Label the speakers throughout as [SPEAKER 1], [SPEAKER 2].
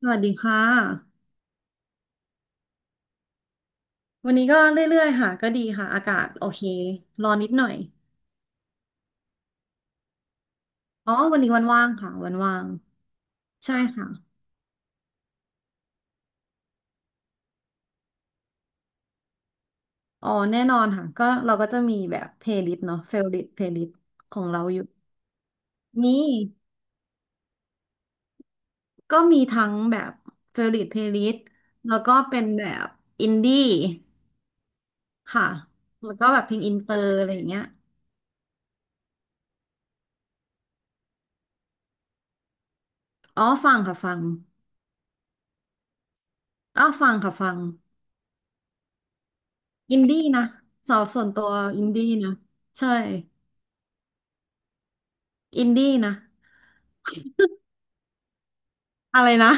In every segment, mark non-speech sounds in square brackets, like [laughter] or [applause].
[SPEAKER 1] สวัสดีค่ะวันนี้ก็เรื่อยๆ ค่ะก็ดีค่ะอากาศโอเคร้อนนิดหน่อยอ๋อวันนี้วันว่างค่ะวันว่าง ใช่ค่ะอ๋อแน่นอนค่ะก็เราก็จะมีแบบเพลย์ลิสต์เนาะเฟ v o ลิ t เพลย์ลิสต์ของเราอยู่ มี ก็มีทั้งแบบเฟ v o ริ t เพลย์ลิสต์แล้วก็เป็นแบบอินดี้ค่ะ แล้วก็แบบเพลงอินเตอร์อะไรอย่างเงี้ยอ๋อฟังค่ะฟังอ้าวฟังค่ะฟังอินดี้นะสำหรับส่วนตัวอินดี้นะใช่อินดี้นะ อะไรนะ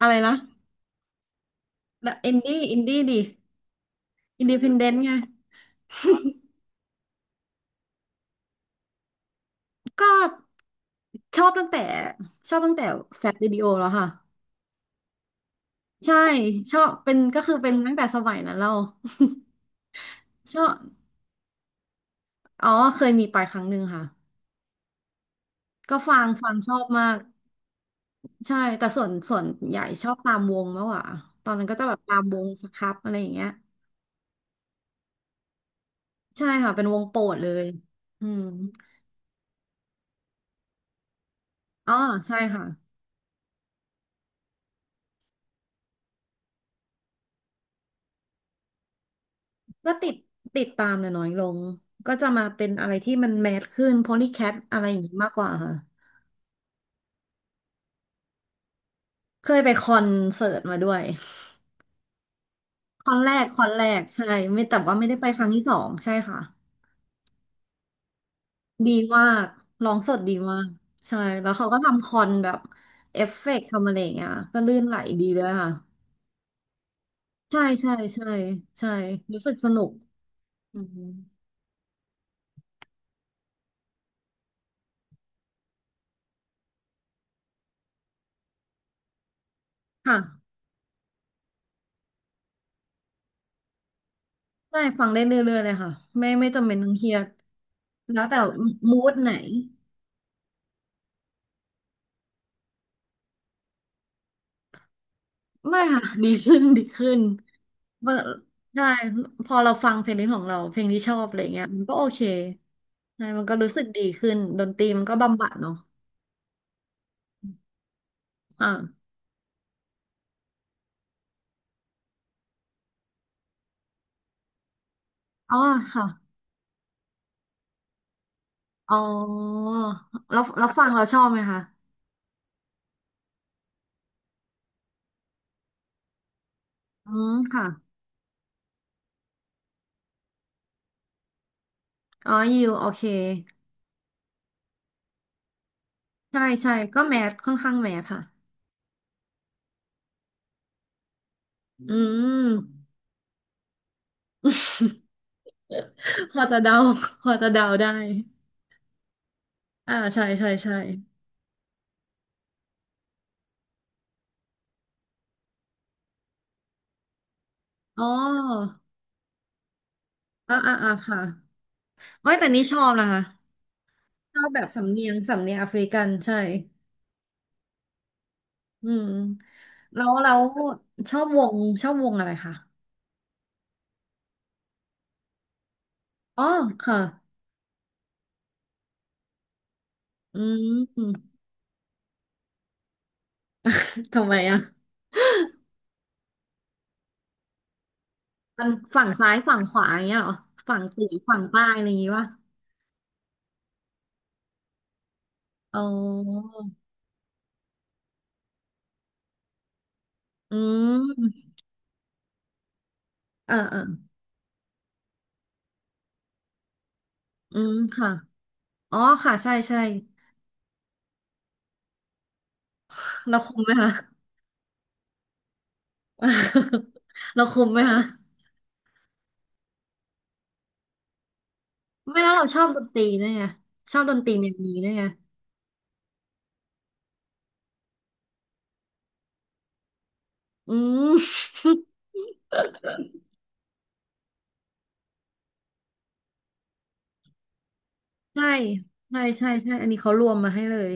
[SPEAKER 1] อะไรนะแล้วอินดี้อินดี้ดิอินดีพนเดนต์ไงก็ชอบตั้งแต่ชอบตั้งแต่แฟล t วิดีโอแล้วค่ะใช่ชอบเป็นก็คือเป็นตั้งแต่สมัยนั้นเราชอบอ๋อเคยมีไปครั้งหนึ่งค่ะก็ฟังชอบมากใช่แต่ส่วนใหญ่ชอบตามวงมากกว่าตอนนั้นก็จะแบบตามวงสครับอะไรอย่างเงี้ยใช่ค่ะเป็นวงโปรดเลยอืมอ๋อใช่ค่ะ ก็ติดตามเนี่ยน้อยลงก็จะมาเป็นอะไรที่มันแมสขึ้นโพลีแคทอะไรอย่างนี้มากกว่าค่ะเคยไปคอนเสิร์ตมาด้วยคอนแรกใช่ไม่แต่ว่าไม่ได้ไปครั้งที่สองใช่ค่ะดีมากร้องสดดีมากใช่แล้วเขาก็ทำคอนแบบเอฟเฟกต์ทำอะไรอย่างเงี้ยก็ลื่นไหลดีเลยค่ะใช่ใช่ใช่ใช่รู้สึกสนุกอืมค่ะได้ฟังได้เรื่อยๆเลยค่ะไม่จำเป็นต้องเครียดแล้วแต่มูดไหน ไม่ค่ะ [laughs] ดีขึ้นดีขึ้นเมื่อใช่พอเราฟังเพลงนี้ของเราเพลงที่ชอบอะไรเงี้ยมันก็โอเคใช่มันก็รู้สึกดีขึ้นดนตรีมันก็บำบัดเนาะอ่าอ๋อค่ะอ๋อแล้วฟังเราชอบไหมคะอืมค่ะอ๋อยิวโอเคใช่ใช่ก็แมทค่อนข้างแมทค่ะอืม [laughs] พอจะเดาพอจะเดาได้อ่าใช่ใช่ใช่อ๋ออ่าอ่าอ่าค่ะไม่แต่นี่ชอบนะคะ ชอบแบบสำเนียงสำเนียงแอฟริกันใช่อืมแล้วเราชอบวงชอบวงอะไรคะอ๋อค่ะอืมทำไมอ่ะมันฝั่งซ้ายฝั่งขวาอย่างเงี้ยเหรอฝั่งตีฝั่งใต้อะไรอย่างงี้ป่ะอ๋ออืมเออเอออืมค่ะอ๋อค่ะใช่ใช่เราคุมไหมคะ [laughs] เราคุมไหมคะไม่แล้วเราชอบดนตรีด้วยไงชอบดนตรีแนวนี้ด้วยไงอืม ใช่ใช่ใช่ใช่อันนี้เขารวมมาให้เลย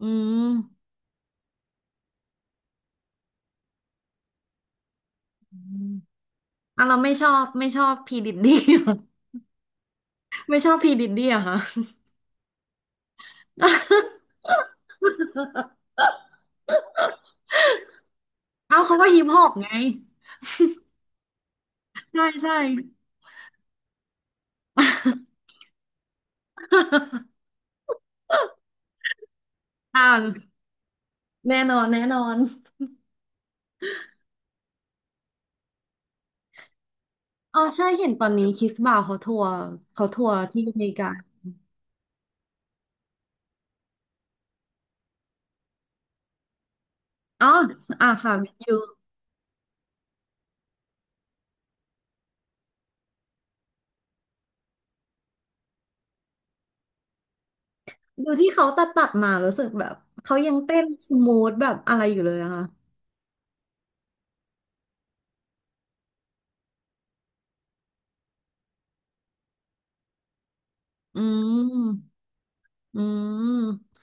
[SPEAKER 1] อืมอืมอ่ะเราไม่ชอบพีดิดดี้ [laughs] ไม่ชอบพีดิดดี้อะค่ะ [laughs] เอาเขาก็ฮิปฮอปไงใช่ใช่ [laughs] อ่าแน่นอนแน่นอนอ๋อใช่เห็นตอนนี้คิสบ่าวเขาทัวร์เขาทัวร์ที่อเมริกาอ๋ออ่าค่ะดูดูที่เขาตัดมารู้สึกแบบเขายังเต้นสมูทแบบอะไรอยู่เลยอะค่ะอืมอืม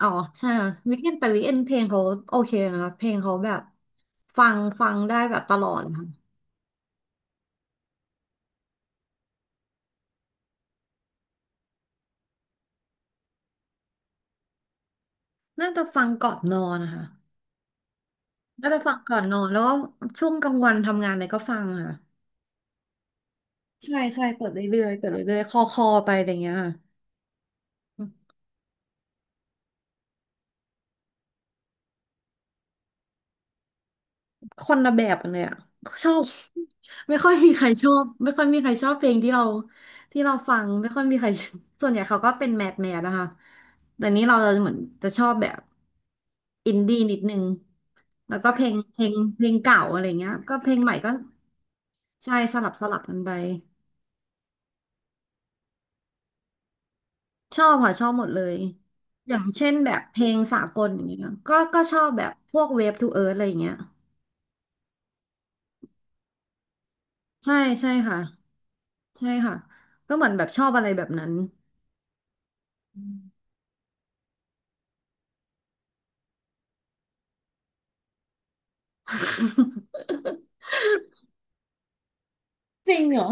[SPEAKER 1] อ๋อใช่ค่ะวีคเอนแต่วีคเอนเพลงเขาโอเคนะคะเพลงเขาแบบฟังได้แบบตลอดนะคะน่าจะฟังก่อนนอนนะคะน่าจะฟังก่อนนอนแล้วก็ช่วงกลางวันทำงานอะไรก็ฟังค่ะใช่ใช่เปิดเรื่อยๆเปิดเรื่อยๆคอคอไปอะไรอย่างเงี้ยค่ะ คนละแบบกันเลยอะชอบไม่ค่อยมีใครชอบไม่ค่อยมีใครชอบเพลงที่เราที่เราฟังไม่ค่อยมีใคร [laughs] ส่วนใหญ่เขาก็เป็นแมสแมสนะคะแต่นี้เราเหมือนจะชอบแบบอินดี้นิดนึงแล้วก็เพลงเก่าอะไรเงี้ยก็เพลงใหม่ก็ใช่สลับกันไปชอบค่ะชอบหมดเลยอย่างเช่นแบบเพลงสากลอย่างเงี้ยก็ชอบแบบพวกเวฟทูเอิร์ธอะไรอย่างเงี้ยใช่ใช่ค่ะใช่ค่ะก็เหมือนแบบชอบอะไรแบบนั้น [laughs] จริงเหรอ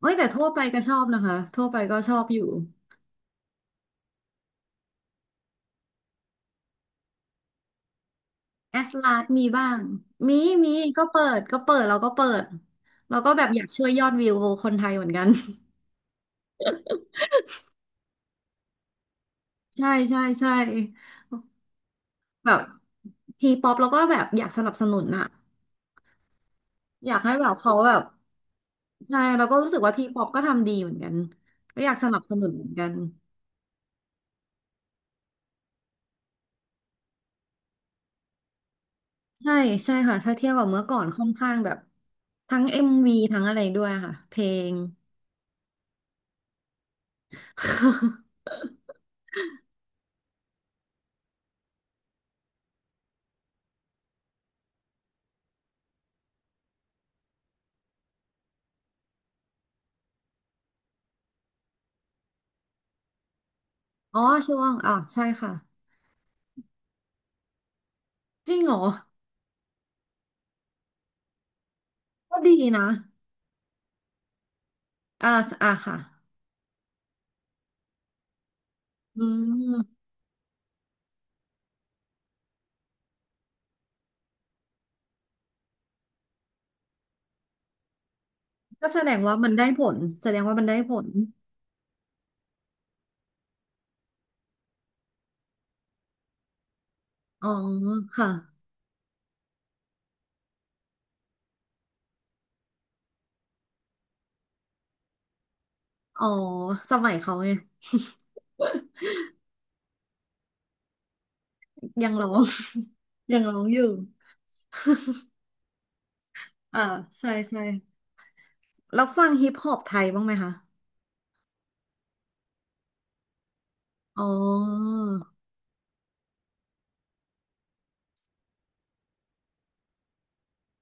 [SPEAKER 1] เอ้ยแต่ทั่วไปก็ชอบนะคะทั่วไปก็ชอบอยู่แอสลาดมีบ้างมีมีก็เปิดก็เปิดเราก็เปิดเราก็แบบอยากช่วยยอดวิวคนไทยเหมือนกัน [laughs] ใช่ใช่ใช่แบบทีป๊อปเราก็แบบอยากสนับสนุนอะอยากให้แบบเขาแบบใช่เราก็รู้สึกว่าทีป๊อปก็ทำดีเหมือนกันก็อยากสนับสนุนเหมือนกันใช่ใช่ค่ะถ้าเทียบกับเมื่อก่อนค่อนข้างแบบทั้งเอ็มวีทั้งอะไรด้วยค่ะเพลง [laughs] อ๋อช่วงอ่ะใช่ค่ะจริงเหรอก็ดีนะอ่าอ่าค่ะอืมก็แสดงว่ามันได้ผลแสดงว่ามันได้ผลอ๋อค่ะอ๋อสมัยเขาไง [laughs] ยังร้อง [laughs] ยังร้องอยู่อ่าใช่ใช่แล้วฟังฮิปฮอปไทยบ้างไหมคะอ๋อ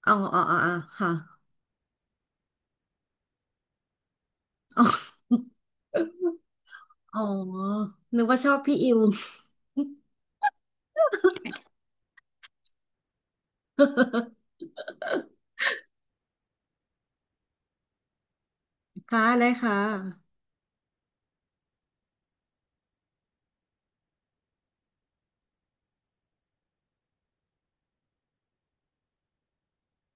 [SPEAKER 1] อ๋ออ๋ออ๋ออ๋อค่ะ [laughs] อ๋ออ๋อนึกว่าชอบพี่อิว [laughs] ค่ะเลยค่ะ